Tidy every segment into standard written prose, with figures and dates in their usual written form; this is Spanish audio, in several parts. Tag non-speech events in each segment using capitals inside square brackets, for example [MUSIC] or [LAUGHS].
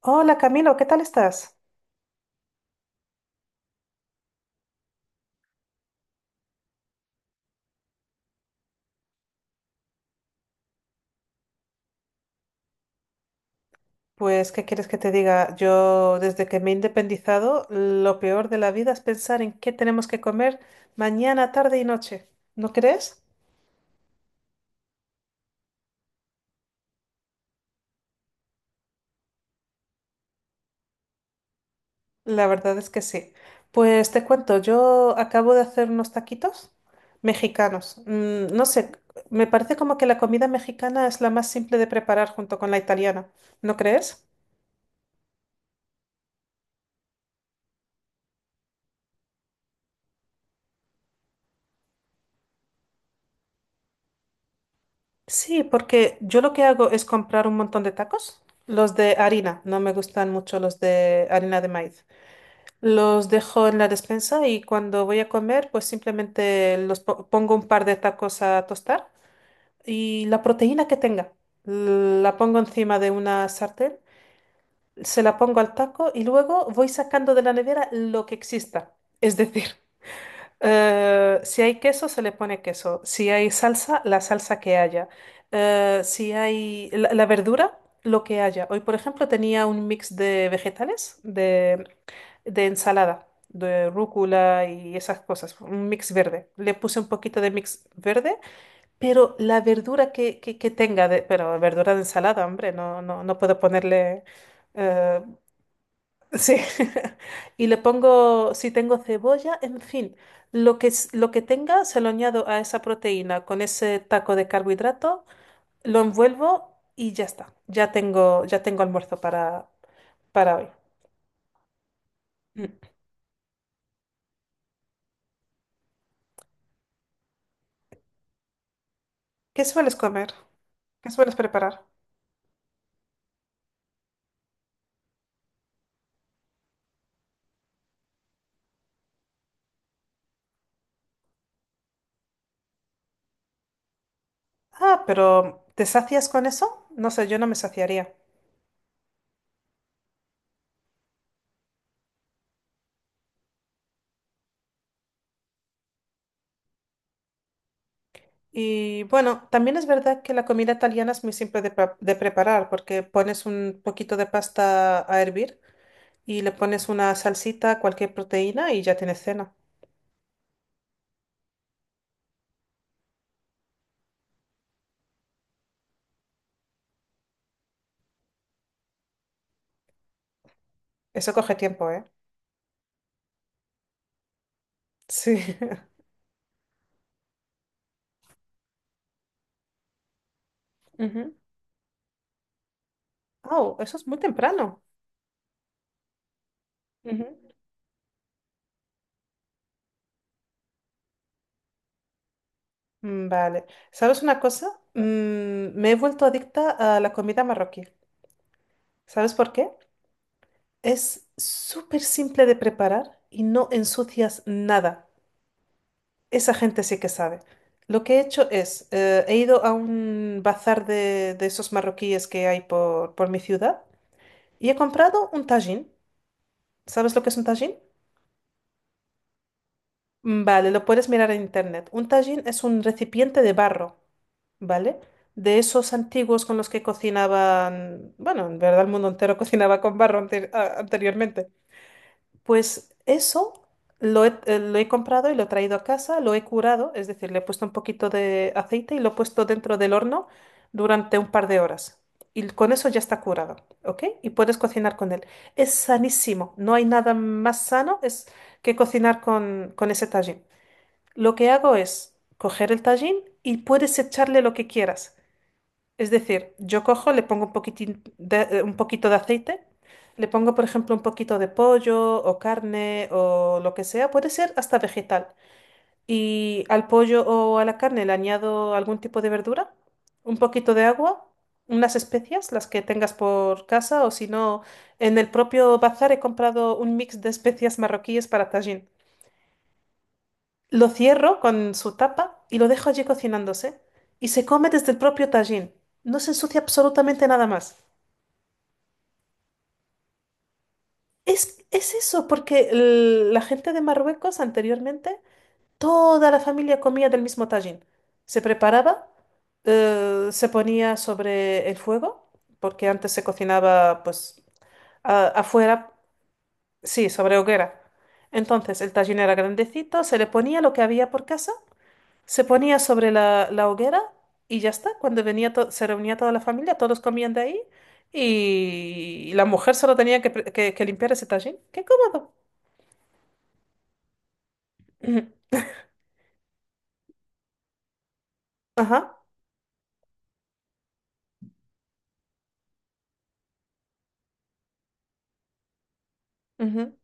Hola Camilo, ¿qué tal estás? Pues, ¿qué quieres que te diga? Yo, desde que me he independizado, lo peor de la vida es pensar en qué tenemos que comer mañana, tarde y noche. ¿No crees? La verdad es que sí. Pues te cuento, yo acabo de hacer unos taquitos mexicanos. No sé, me parece como que la comida mexicana es la más simple de preparar junto con la italiana. ¿No crees? Sí, porque yo lo que hago es comprar un montón de tacos. Los de harina, no me gustan mucho los de harina de maíz. Los dejo en la despensa y cuando voy a comer, pues simplemente pongo un par de tacos a tostar y la proteína que tenga, la pongo encima de una sartén, se la pongo al taco y luego voy sacando de la nevera lo que exista. Es decir, si hay queso, se le pone queso. Si hay salsa, la salsa que haya. Si hay la verdura, lo que haya. Hoy, por ejemplo, tenía un mix de vegetales, de ensalada, de rúcula y esas cosas, un mix verde. Le puse un poquito de mix verde, pero la verdura que tenga, pero verdura de ensalada, hombre, no, no, no puedo ponerle... eh, Sí, [LAUGHS] y le pongo, si tengo cebolla, en fin, lo que, lo que tenga se lo añado a esa proteína con ese taco de carbohidrato, lo envuelvo y ya está. Ya tengo almuerzo para hoy. Mm. ¿Qué sueles comer? ¿Qué sueles preparar? Ah, pero ¿te sacias con eso? No sé, yo no me saciaría. Y bueno, también es verdad que la comida italiana es muy simple de preparar porque pones un poquito de pasta a hervir, y le pones una salsita, cualquier proteína y ya tienes cena. Eso coge tiempo, ¿eh? Sí. [LAUGHS] Ujú. Oh, eso es muy temprano. Ujú. Vale. ¿Sabes una cosa? Me he vuelto adicta a la comida marroquí. ¿Sabes por qué? Es súper simple de preparar y no ensucias nada. Esa gente sí que sabe. Lo que he hecho es, he ido a un bazar de esos marroquíes que hay por mi ciudad y he comprado un tajín. ¿Sabes lo que es un tajín? Vale, lo puedes mirar en internet. Un tajín es un recipiente de barro, ¿vale? De esos antiguos con los que cocinaban, bueno, en verdad el mundo entero [LAUGHS] cocinaba con barro anteriormente. Pues eso lo he comprado y lo he traído a casa, lo he curado, es decir, le he puesto un poquito de aceite y lo he puesto dentro del horno durante un par de horas. Y con eso ya está curado, ¿ok? Y puedes cocinar con él. Es sanísimo, no hay nada más sano es que cocinar con ese tajín. Lo que hago es coger el tajín y puedes echarle lo que quieras. Es decir, yo cojo, le pongo un poquito de aceite, le pongo, por ejemplo, un poquito de pollo o carne o lo que sea, puede ser hasta vegetal. Y al pollo o a la carne le añado algún tipo de verdura, un poquito de agua, unas especias, las que tengas por casa, o si no, en el propio bazar he comprado un mix de especias marroquíes para tajín. Lo cierro con su tapa y lo dejo allí cocinándose. Y se come desde el propio tajín. No se ensucia absolutamente nada más. Es eso, porque la gente de Marruecos anteriormente, toda la familia comía del mismo tajín. Se preparaba, se ponía sobre el fuego, porque antes se cocinaba pues afuera, sí, sobre hoguera. Entonces el tajín era grandecito, se le ponía lo que había por casa. Se ponía sobre la hoguera y ya está. Cuando venía se reunía toda la familia, todos comían de ahí y la mujer solo tenía que limpiar ese tajín. ¡Qué cómodo! [CLEARS THROAT] Ujú. Ajá, ujú,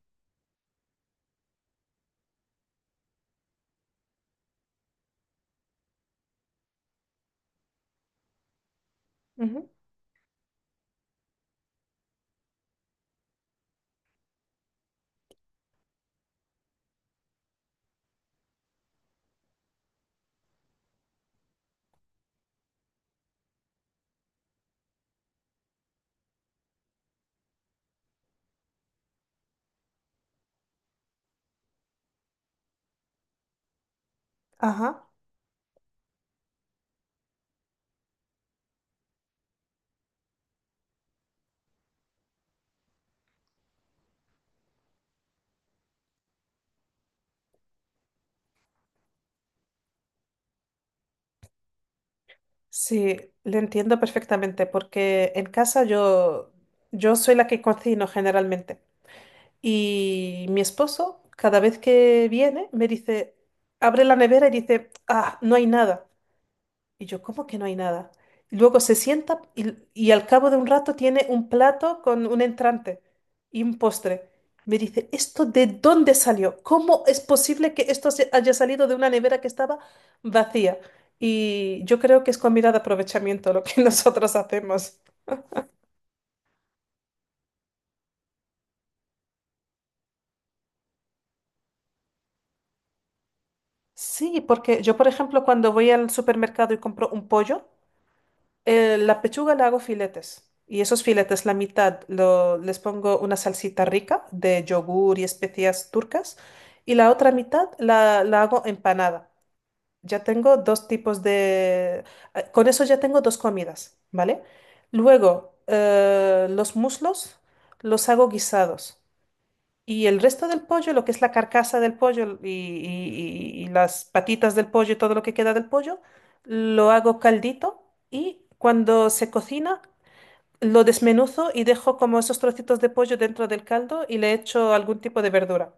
ujú, ajá. Sí, le entiendo perfectamente porque en casa yo soy la que cocino generalmente y mi esposo cada vez que viene me dice, abre la nevera y dice, ah, no hay nada. Y yo, ¿cómo que no hay nada? Y luego se sienta y al cabo de un rato tiene un plato con un entrante y un postre. Me dice, ¿esto de dónde salió? ¿Cómo es posible que esto se haya salido de una nevera que estaba vacía? Y yo creo que es comida de aprovechamiento lo que [LAUGHS] nosotros hacemos. Sí, porque yo, por ejemplo, cuando voy al supermercado y compro un pollo, la pechuga la hago filetes y esos filetes, la mitad, les pongo una salsita rica de yogur y especias turcas y la otra mitad la hago empanada. Ya tengo dos tipos de... con eso ya tengo dos comidas, ¿vale? Luego, los muslos los hago guisados. Y el resto del pollo, lo que es la carcasa del pollo y las patitas del pollo y todo lo que queda del pollo, lo hago caldito y cuando se cocina lo desmenuzo y dejo como esos trocitos de pollo dentro del caldo y le echo algún tipo de verdura.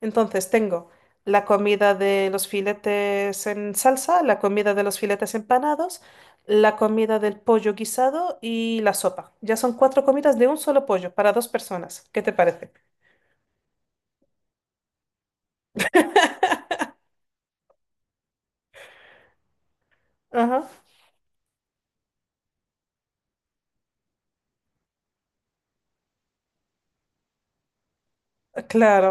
Entonces tengo la comida de los filetes en salsa, la comida de los filetes empanados, la comida del pollo guisado y la sopa. Ya son cuatro comidas de un solo pollo para dos personas. ¿Qué te parece? Ajá. Claro,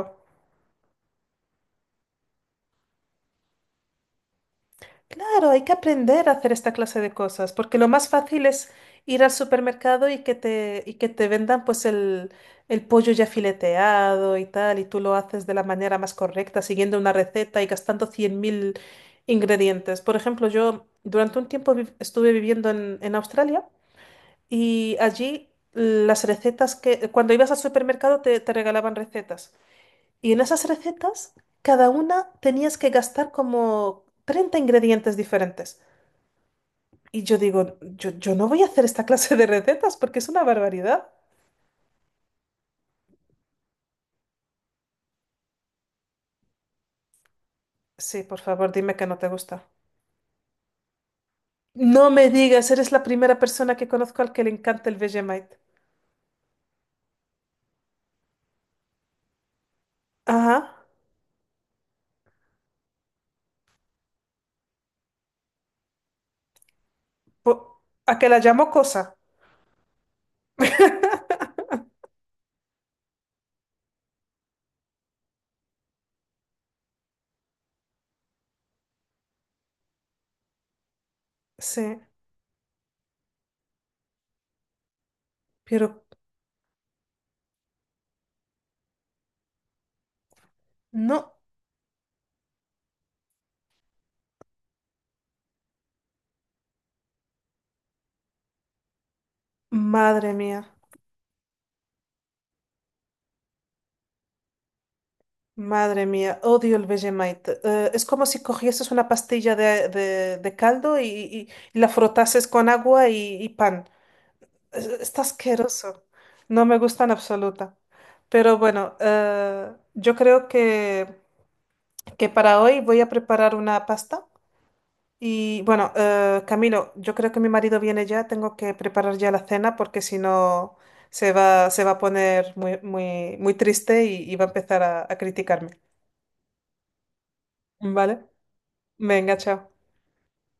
claro, hay que aprender a hacer esta clase de cosas, porque lo más fácil es ir al supermercado y que te vendan pues el pollo ya fileteado y tal, y tú lo haces de la manera más correcta, siguiendo una receta y gastando 100.000 ingredientes. Por ejemplo, yo durante un tiempo estuve viviendo en Australia y allí las recetas que, cuando ibas al supermercado te regalaban recetas. Y en esas recetas, cada una tenías que gastar como 30 ingredientes diferentes. Y yo digo, yo no voy a hacer esta [LAUGHS] clase de recetas porque es una barbaridad. Sí, por favor, dime que no te gusta. No me digas, eres la primera persona que conozco al que le encanta el Vegemite. Ajá. A que la llamo cosa. [LAUGHS] Sí, pero no, madre mía. Madre mía, odio el Vegemite. Es como si cogieses una pastilla de caldo y la frotases con agua y pan. Está asqueroso. No me gusta en absoluta. Pero bueno, yo creo que para hoy voy a preparar una pasta. Y bueno, Camilo, yo creo que mi marido viene ya. Tengo que preparar ya la cena porque si no se va, se va a poner muy, muy, muy triste y va a empezar a criticarme. ¿Vale? Venga, chao.